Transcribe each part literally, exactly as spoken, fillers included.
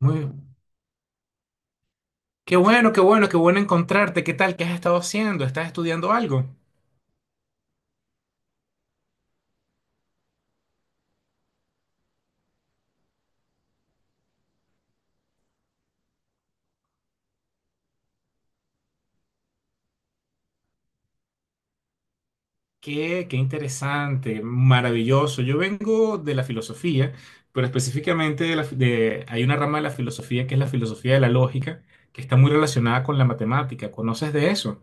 Muy, qué bueno, qué bueno, qué bueno encontrarte. ¿Qué tal? ¿Qué has estado haciendo? ¿Estás estudiando algo? Qué, qué interesante, maravilloso. Yo vengo de la filosofía, pero específicamente de la, fi- de- hay una rama de la filosofía que es la filosofía de la lógica, que está muy relacionada con la matemática. ¿Conoces de eso?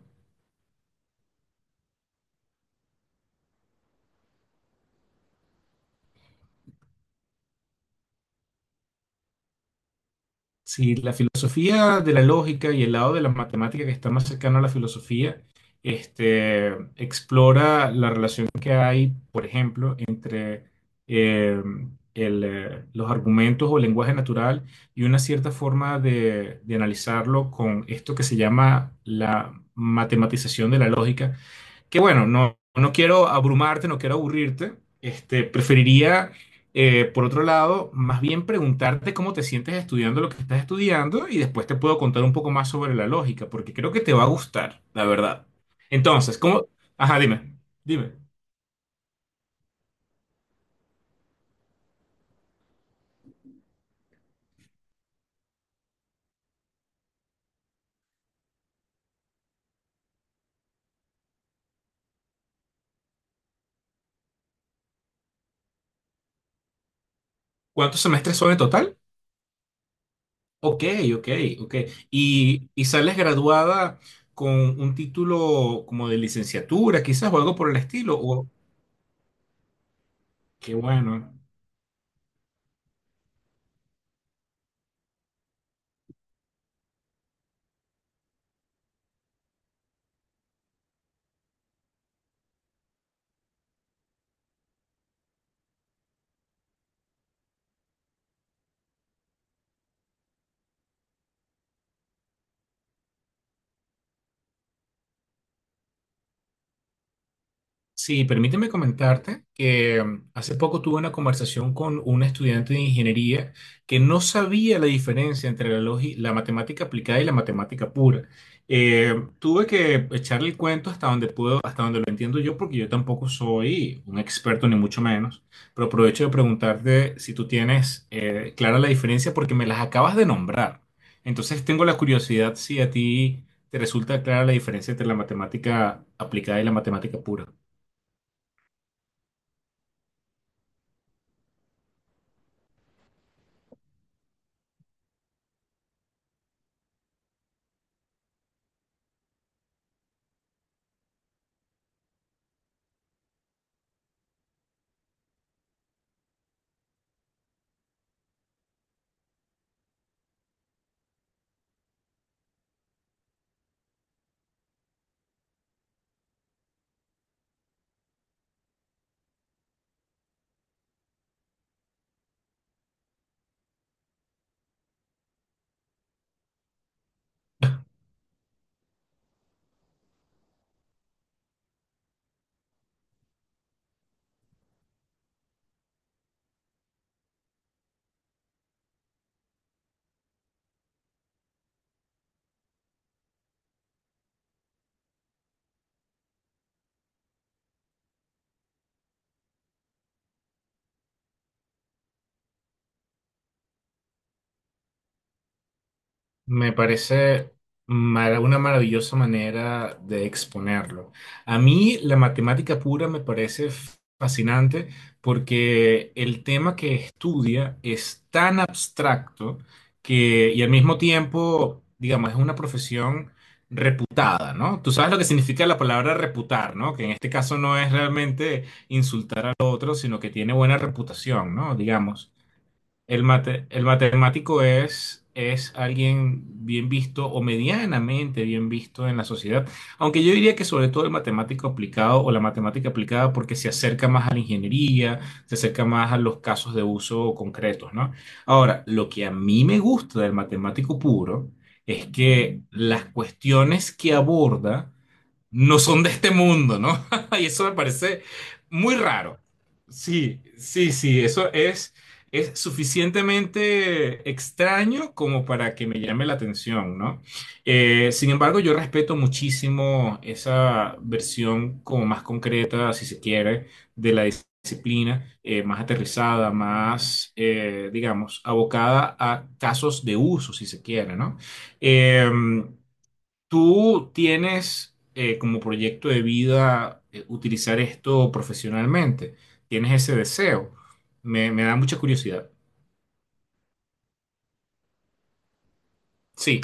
Sí, la filosofía de la lógica y el lado de la matemática que está más cercano a la filosofía, este, explora la relación que hay, por ejemplo, entre eh, el, eh, los argumentos o lenguaje natural y una cierta forma de, de analizarlo con esto que se llama la matematización de la lógica, que bueno, no, no quiero abrumarte, no quiero aburrirte. Este, preferiría, eh, por otro lado, más bien preguntarte cómo te sientes estudiando lo que estás estudiando y después te puedo contar un poco más sobre la lógica, porque creo que te va a gustar, la verdad. Entonces, ¿cómo? Ajá, dime, dime. ¿Cuántos semestres son en total? Ok, ok, ok. ¿Y, y sales graduada con un título como de licenciatura, quizás, o algo por el estilo? O, qué bueno. Sí, permíteme comentarte que mm, hace poco tuve una conversación con un estudiante de ingeniería que no sabía la diferencia entre la, logi- la matemática aplicada y la matemática pura. Eh, tuve que echarle el cuento hasta donde puedo, hasta donde lo entiendo yo, porque yo tampoco soy un experto ni mucho menos, pero aprovecho de preguntarte si tú tienes eh, clara la diferencia porque me las acabas de nombrar. Entonces tengo la curiosidad si a ti te resulta clara la diferencia entre la matemática aplicada y la matemática pura. Me parece mar- una maravillosa manera de exponerlo. A mí la matemática pura me parece f- fascinante porque el tema que estudia es tan abstracto que, y al mismo tiempo, digamos, es una profesión reputada, ¿no? Tú sabes lo que significa la palabra reputar, ¿no? Que en este caso no es realmente insultar al otro, sino que tiene buena reputación, ¿no? Digamos. El mate- el matemático es, es alguien bien visto o medianamente bien visto en la sociedad, aunque yo diría que sobre todo el matemático aplicado o la matemática aplicada porque se acerca más a la ingeniería, se acerca más a los casos de uso concretos, ¿no? Ahora, lo que a mí me gusta del matemático puro es que las cuestiones que aborda no son de este mundo, ¿no? Y eso me parece muy raro. Sí, sí, sí, eso es, es suficientemente extraño como para que me llame la atención, ¿no? Eh, sin embargo, yo respeto muchísimo esa versión como más concreta, si se quiere, de la dis- disciplina, eh, más aterrizada, más, eh, digamos, abocada a casos de uso, si se quiere, ¿no? Em, ¿Tú tienes eh, como proyecto de vida eh, utilizar esto profesionalmente? ¿Tienes ese deseo? Me, me da mucha curiosidad. Sí,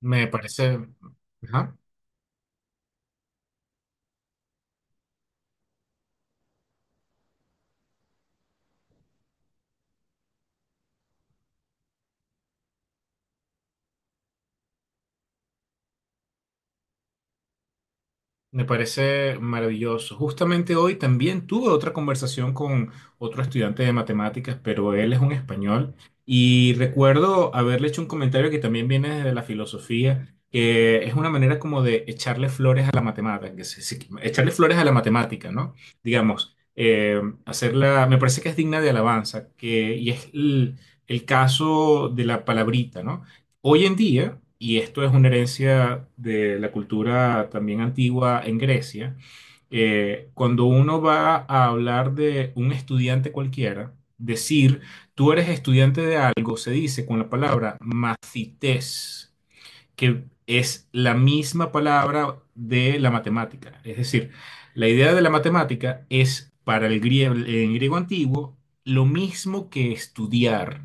me parece... Ajá. Me parece maravilloso. Justamente hoy también tuve otra conversación con otro estudiante de matemáticas, pero él es un español y recuerdo haberle hecho un comentario que también viene desde la filosofía, que es una manera como de echarle flores a la matemática, que se- se- echarle flores a la matemática, ¿no? Digamos, eh, hacerla, me parece que es digna de alabanza, que, y es el, el caso de la palabrita, ¿no? Hoy en día, y esto es una herencia de la cultura también antigua en Grecia, eh, cuando uno va a hablar de un estudiante cualquiera, decir tú eres estudiante de algo, se dice con la palabra macites, que es la misma palabra de la matemática. Es decir, la idea de la matemática es para el griego, en griego antiguo lo mismo que estudiar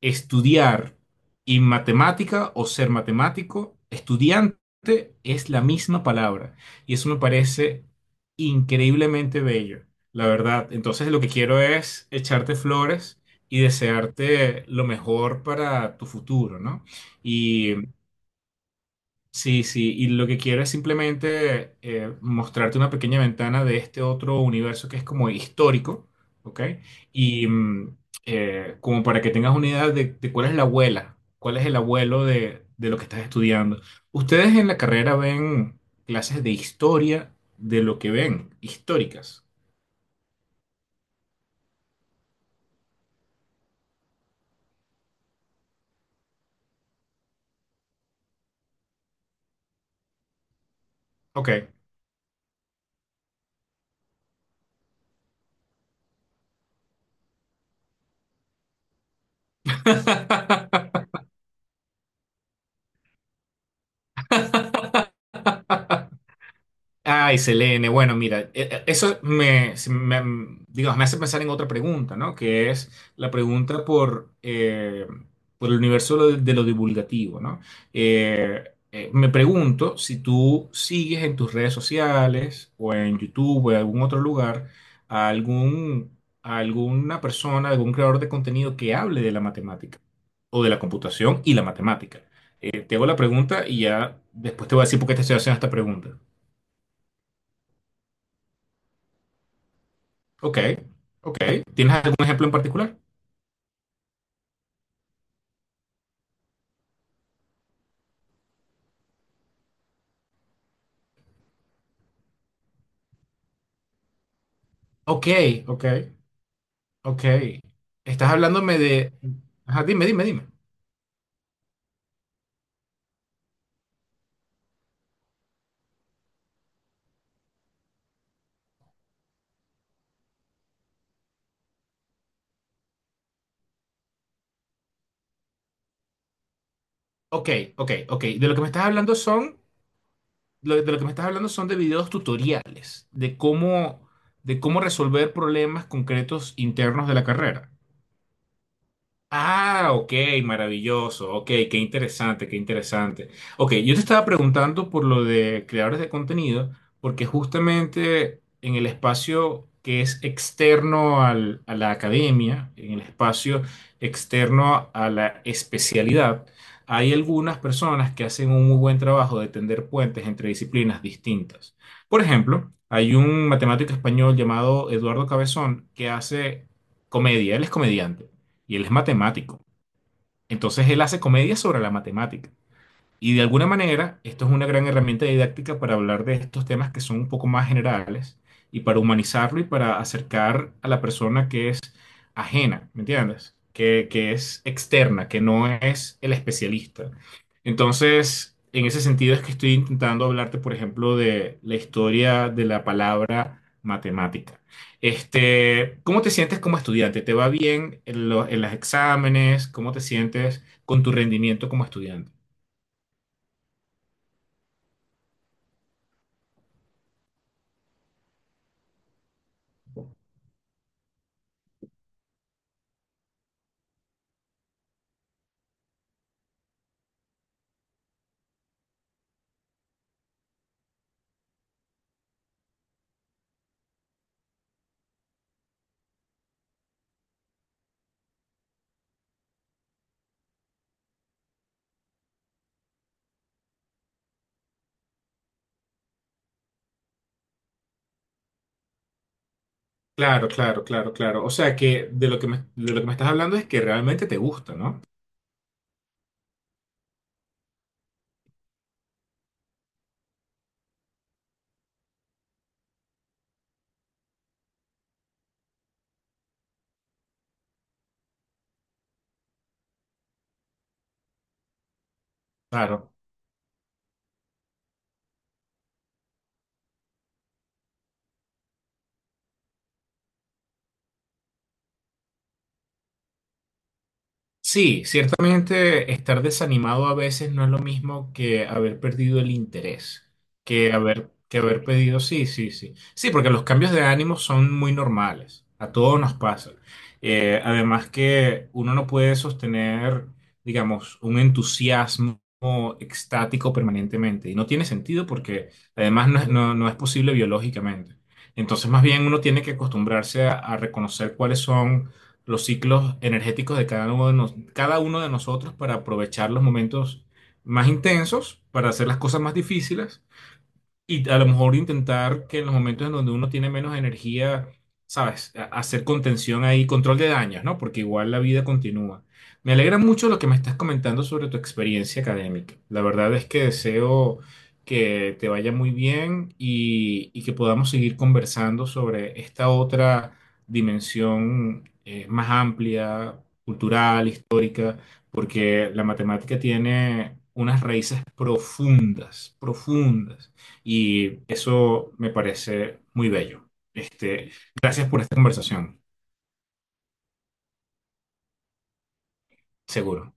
estudiar y matemática o ser matemático, estudiante es la misma palabra. Y eso me parece increíblemente bello, la verdad. Entonces lo que quiero es echarte flores y desearte lo mejor para tu futuro, ¿no? Sí, sí, y lo que quiero es simplemente eh, mostrarte una pequeña ventana de este otro universo que es como histórico, ¿ok? Y mm, eh, como para que tengas una idea de, de cuál es la abuela, cuál es el abuelo de, de lo que estás estudiando. Ustedes en la carrera ven clases de historia de lo que ven, históricas, ¿ok? Ay, Selene, bueno, mira, e- e- eso me, se- me- digamos, me hace pensar en otra pregunta, ¿no? Que es la pregunta por, eh, por el universo de lo, de lo divulgativo, ¿no? Eh, eh, me pregunto si tú sigues en tus redes sociales o en YouTube o en algún otro lugar a algún, a alguna persona, algún creador de contenido que hable de la matemática o de la computación y la matemática. Eh, te hago la pregunta y ya después te voy a decir por qué te estoy haciendo esta pregunta. Ok, ok. ¿Tienes algún ejemplo en particular? Ok, ok, ok. Estás hablándome de... Ajá, dime, dime, dime. Ok, ok, ok. De lo que me estás hablando son, lo- de lo que me estás hablando son de videos tutoriales, de cómo, de cómo resolver problemas concretos internos de la carrera. Ah, ok, maravilloso, ok, qué interesante, qué interesante. Ok, yo te estaba preguntando por lo de creadores de contenido, porque justamente en el espacio que es externo al- a la academia, en el espacio externo a la especialidad, hay algunas personas que hacen un muy buen trabajo de tender puentes entre disciplinas distintas. Por ejemplo, hay un matemático español llamado Eduardo Cabezón que hace comedia, él es comediante y él es matemático. Entonces él hace comedias sobre la matemática. Y de alguna manera, esto es una gran herramienta didáctica para hablar de estos temas que son un poco más generales y para humanizarlo y para acercar a la persona que es ajena, ¿me entiendes? Que, que es externa, que no es el especialista. Entonces, en ese sentido es que estoy intentando hablarte, por ejemplo, de la historia de la palabra matemática. Este, ¿cómo te sientes como estudiante? ¿Te va bien en los, en los exámenes? ¿Cómo te sientes con tu rendimiento como estudiante? Claro, claro, claro, claro. O sea que de lo que me, de lo que me estás hablando es que realmente te gusta, ¿no? Claro. Sí, ciertamente estar desanimado a veces no es lo mismo que haber perdido el interés, que haber, que haber pedido, sí, sí, sí. Sí, porque los cambios de ánimo son muy normales, a todos nos pasa. Eh, además que uno no puede sostener, digamos, un entusiasmo extático permanentemente y no tiene sentido porque además no es, no- no es posible biológicamente. Entonces, más bien uno tiene que acostumbrarse a a reconocer cuáles son los ciclos energéticos de cada uno de, nos- cada uno de nosotros para aprovechar los momentos más intensos, para hacer las cosas más difíciles y a lo mejor intentar que en los momentos en donde uno tiene menos energía, ¿sabes? A- Hacer contención ahí, control de daños, ¿no? Porque igual la vida continúa. Me alegra mucho lo que me estás comentando sobre tu experiencia académica. La verdad es que deseo que te vaya muy bien y, y que podamos seguir conversando sobre esta otra dimensión eh, más amplia, cultural, histórica, porque la matemática tiene unas raíces profundas, profundas y eso me parece muy bello. Este, gracias por esta conversación, seguro.